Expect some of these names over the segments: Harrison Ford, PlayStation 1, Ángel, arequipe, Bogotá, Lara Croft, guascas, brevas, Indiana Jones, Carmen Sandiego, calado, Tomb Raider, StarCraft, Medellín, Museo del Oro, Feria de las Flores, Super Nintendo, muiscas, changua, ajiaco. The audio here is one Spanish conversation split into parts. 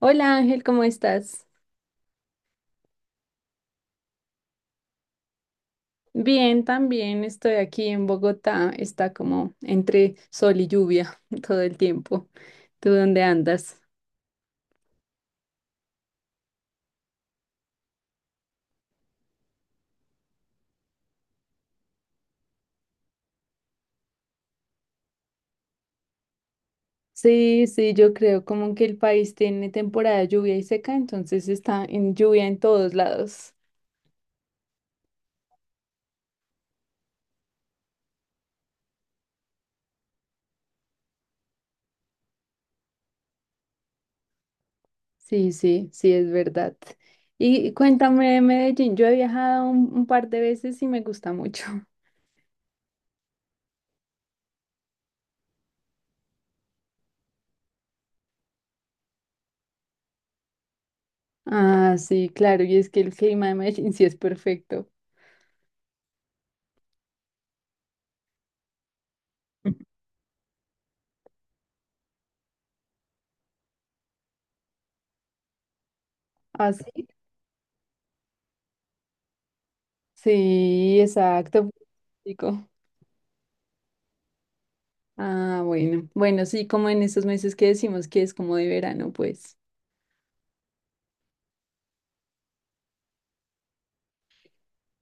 Hola Ángel, ¿cómo estás? Bien, también estoy aquí en Bogotá. Está como entre sol y lluvia todo el tiempo. ¿Tú dónde andas? Sí, sí, yo creo como que el país tiene temporada de lluvia y seca, entonces está en lluvia en todos lados. Sí, sí, sí, es verdad. Y cuéntame de Medellín, yo he viajado un par de veces y me gusta mucho. Ah, sí, claro, y es que el clima de Medellín sí es perfecto. ¿Ah, sí? Sí, exacto. Pico. Ah, bueno. Bueno, sí, como en estos meses que decimos que es como de verano, pues.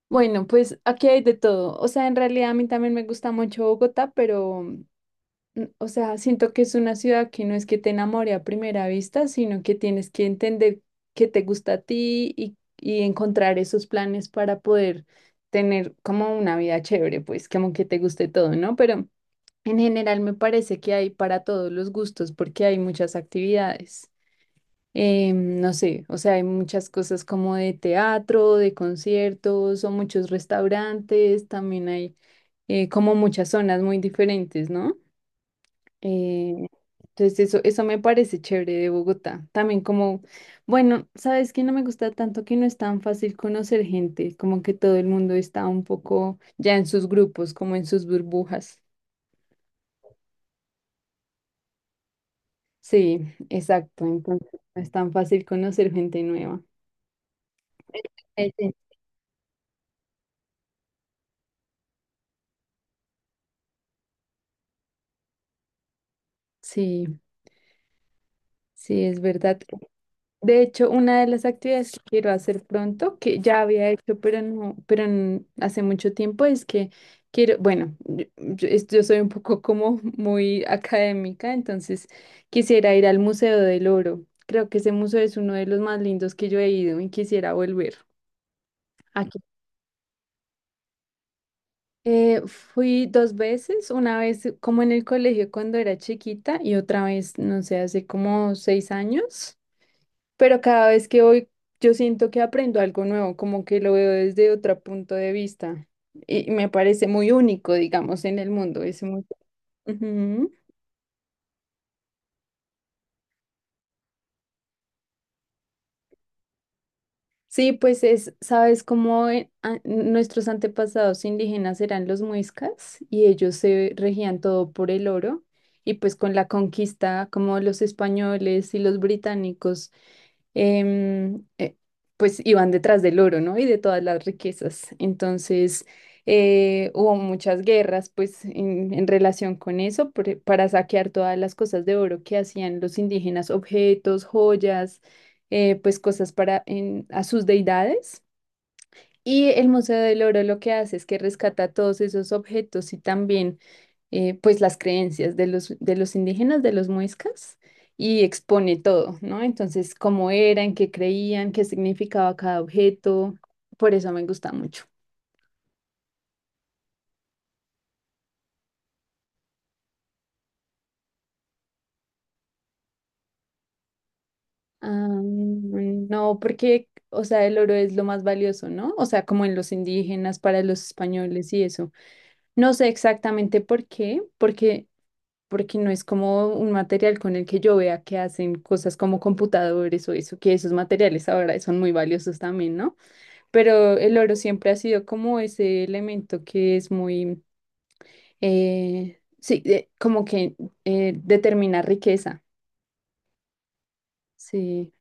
Bueno, pues aquí hay de todo. O sea, en realidad a mí también me gusta mucho Bogotá, pero, o sea, siento que es una ciudad que no es que te enamore a primera vista, sino que tienes que entender qué te gusta a ti y encontrar esos planes para poder tener como una vida chévere, pues, como que te guste todo, ¿no? Pero… En general me parece que hay para todos los gustos porque hay muchas actividades. No sé, o sea, hay muchas cosas como de teatro, de conciertos o muchos restaurantes, también hay como muchas zonas muy diferentes, ¿no? Eh, entonces eso me parece chévere de Bogotá. También como, bueno, sabes que no me gusta tanto que no es tan fácil conocer gente, como que todo el mundo está un poco ya en sus grupos, como en sus burbujas. Sí, exacto. Entonces no es tan fácil conocer gente nueva. Sí. Sí, sí, es verdad. De hecho, una de las actividades que quiero hacer pronto, que ya había hecho, pero no, hace mucho tiempo, es que quiero, bueno, yo soy un poco como muy académica, entonces quisiera ir al Museo del Oro. Creo que ese museo es uno de los más lindos que yo he ido y quisiera volver. Fui dos veces, una vez como en el colegio cuando era chiquita y otra vez, no sé, hace como seis años, pero cada vez que voy yo siento que aprendo algo nuevo, como que lo veo desde otro punto de vista y me parece muy único, digamos, en el mundo. Es muy… Ujú. Sí, pues es, sabes cómo nuestros antepasados indígenas eran los muiscas y ellos se regían todo por el oro y pues con la conquista, como los españoles y los británicos em, eh, pues iban detrás del oro, ¿no? Y de todas las riquezas. Entonces, hubo muchas guerras, pues, en relación con eso, para saquear todas las cosas de oro que hacían los indígenas, objetos, joyas, pues cosas para a sus deidades. Y el Museo del Oro lo que hace es que rescata todos esos objetos y también pues las creencias de de los indígenas, de los muiscas, y expone todo, ¿no? Entonces, cómo eran, qué creían, qué significaba cada objeto, por eso me gusta mucho. Ah, no, porque, o sea, el oro es lo más valioso, ¿no? O sea, como en los indígenas, para los españoles y eso. No sé exactamente por qué, porque, porque no es como un material con el que yo vea que hacen cosas como computadores o eso, que esos materiales ahora son muy valiosos también, ¿no? Pero el oro siempre ha sido como ese elemento que es muy, sí, como que determina riqueza, sí.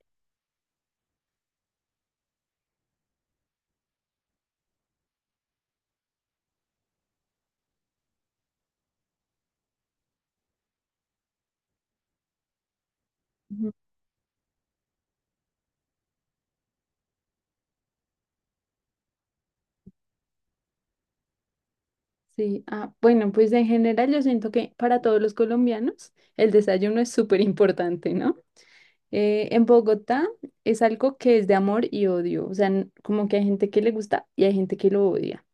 Ujú. Sí, ah, bueno, pues en general yo siento que para todos los colombianos el desayuno es súper importante, ¿no? En Bogotá es algo que es de amor y odio, o sea, como que hay gente que le gusta y hay gente que lo odia.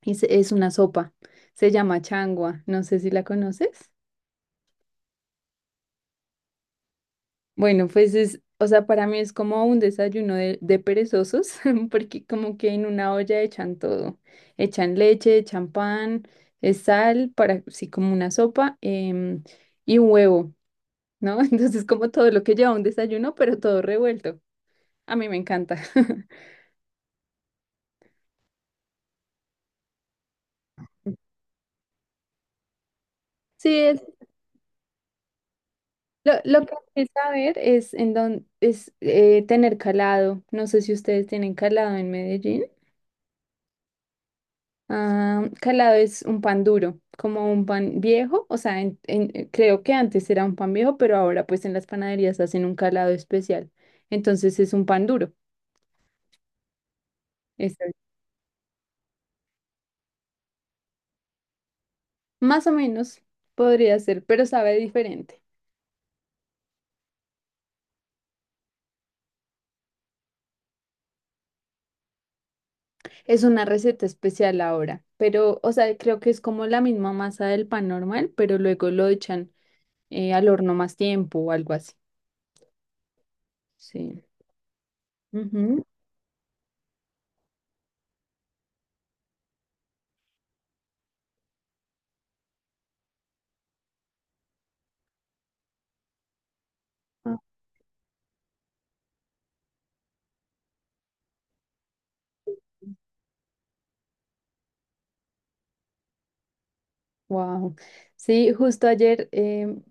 Es una sopa, se llama changua, no sé si la conoces. Bueno, pues es, o sea, para mí es como un desayuno de perezosos, porque como que en una olla echan todo, echan leche, echan pan, sal, para, sí, como una sopa, y huevo, ¿no? Entonces como todo lo que lleva un desayuno, pero todo revuelto. A mí me encanta. Sí, es, lo que hay que saber es en dónde es tener calado. No sé si ustedes tienen calado en Medellín. Ah, calado es un pan duro, como un pan viejo, o sea, creo que antes era un pan viejo, pero ahora pues en las panaderías hacen un calado especial. Entonces es un pan duro. Es, más o menos podría ser, pero sabe diferente. Es una receta especial ahora, pero, o sea, creo que es como la misma masa del pan normal, pero luego lo echan al horno más tiempo o algo así. Sí. Ujú. Wow. Sí, justo ayer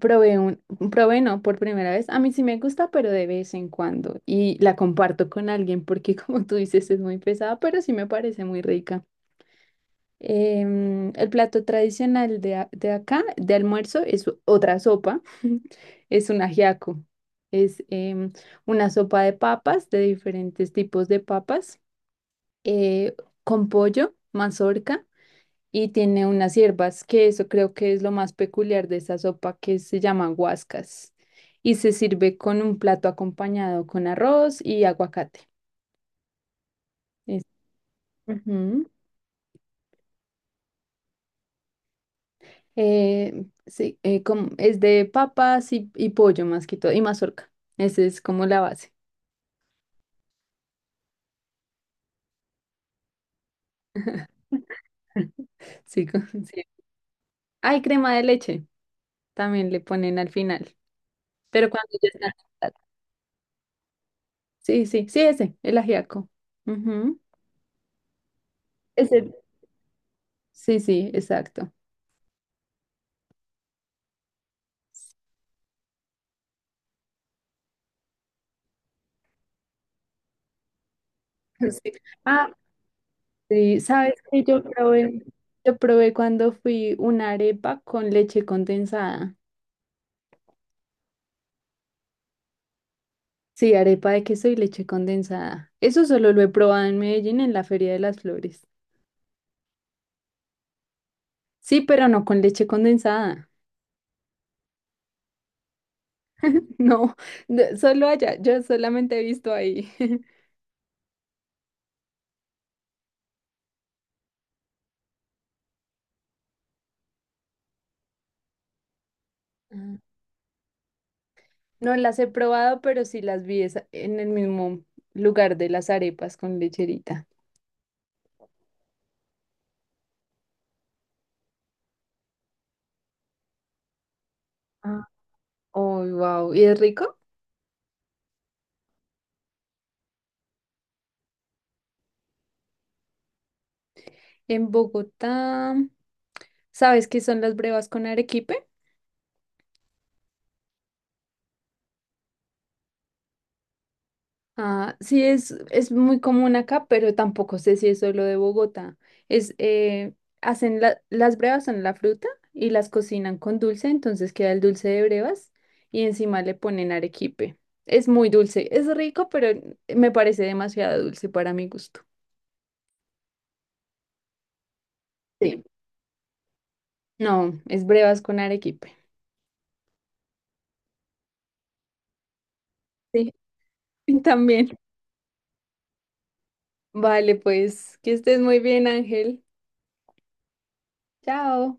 probé un, probé no por primera vez. A mí sí me gusta, pero de vez en cuando. Y la comparto con alguien porque, como tú dices, es muy pesada, pero sí me parece muy rica. El plato tradicional de, de acá, de almuerzo, es otra sopa. Es un ajiaco. Es una sopa de papas, de diferentes tipos de papas, eh, con pollo, mazorca y tiene unas hierbas, que eso creo que es lo más peculiar de esa sopa que se llama guascas. Y se sirve con un plato acompañado con arroz y aguacate. Es, ujú. Sí, es de papas y pollo más que todo, y mazorca. Esa es como la base. Sí, co- sí. Hay crema de leche, también le ponen al final, pero cuando ya está. Sí, sí, sí, ese, el ajiaco. Ujú. Ese. Sí, sí, exacto. Sí. Ah, sí, sabes que yo probé cuando fui una arepa con leche condensada. Sí, arepa de queso y leche condensada. Eso solo lo he probado en Medellín en la Feria de las Flores. Sí, pero no con leche condensada. No, no, solo allá. Yo solamente he visto ahí. Ah. No las he probado, pero sí las vi en el mismo lugar de las arepas con lecherita. Ah. Oh, wow. ¿Y es rico? En Bogotá, ¿sabes qué son las brevas con arequipe? Ah, sí, es muy común acá, pero tampoco sé si es solo de Bogotá. Es, hacen las brevas son la fruta y las cocinan con dulce, entonces queda el dulce de brevas y encima le ponen arequipe. Es muy dulce, es rico, pero me parece demasiado dulce para mi gusto. Sí. No, es brevas con arequipe. Sí. También. Vale, pues que estés muy bien, Ángel. Chao.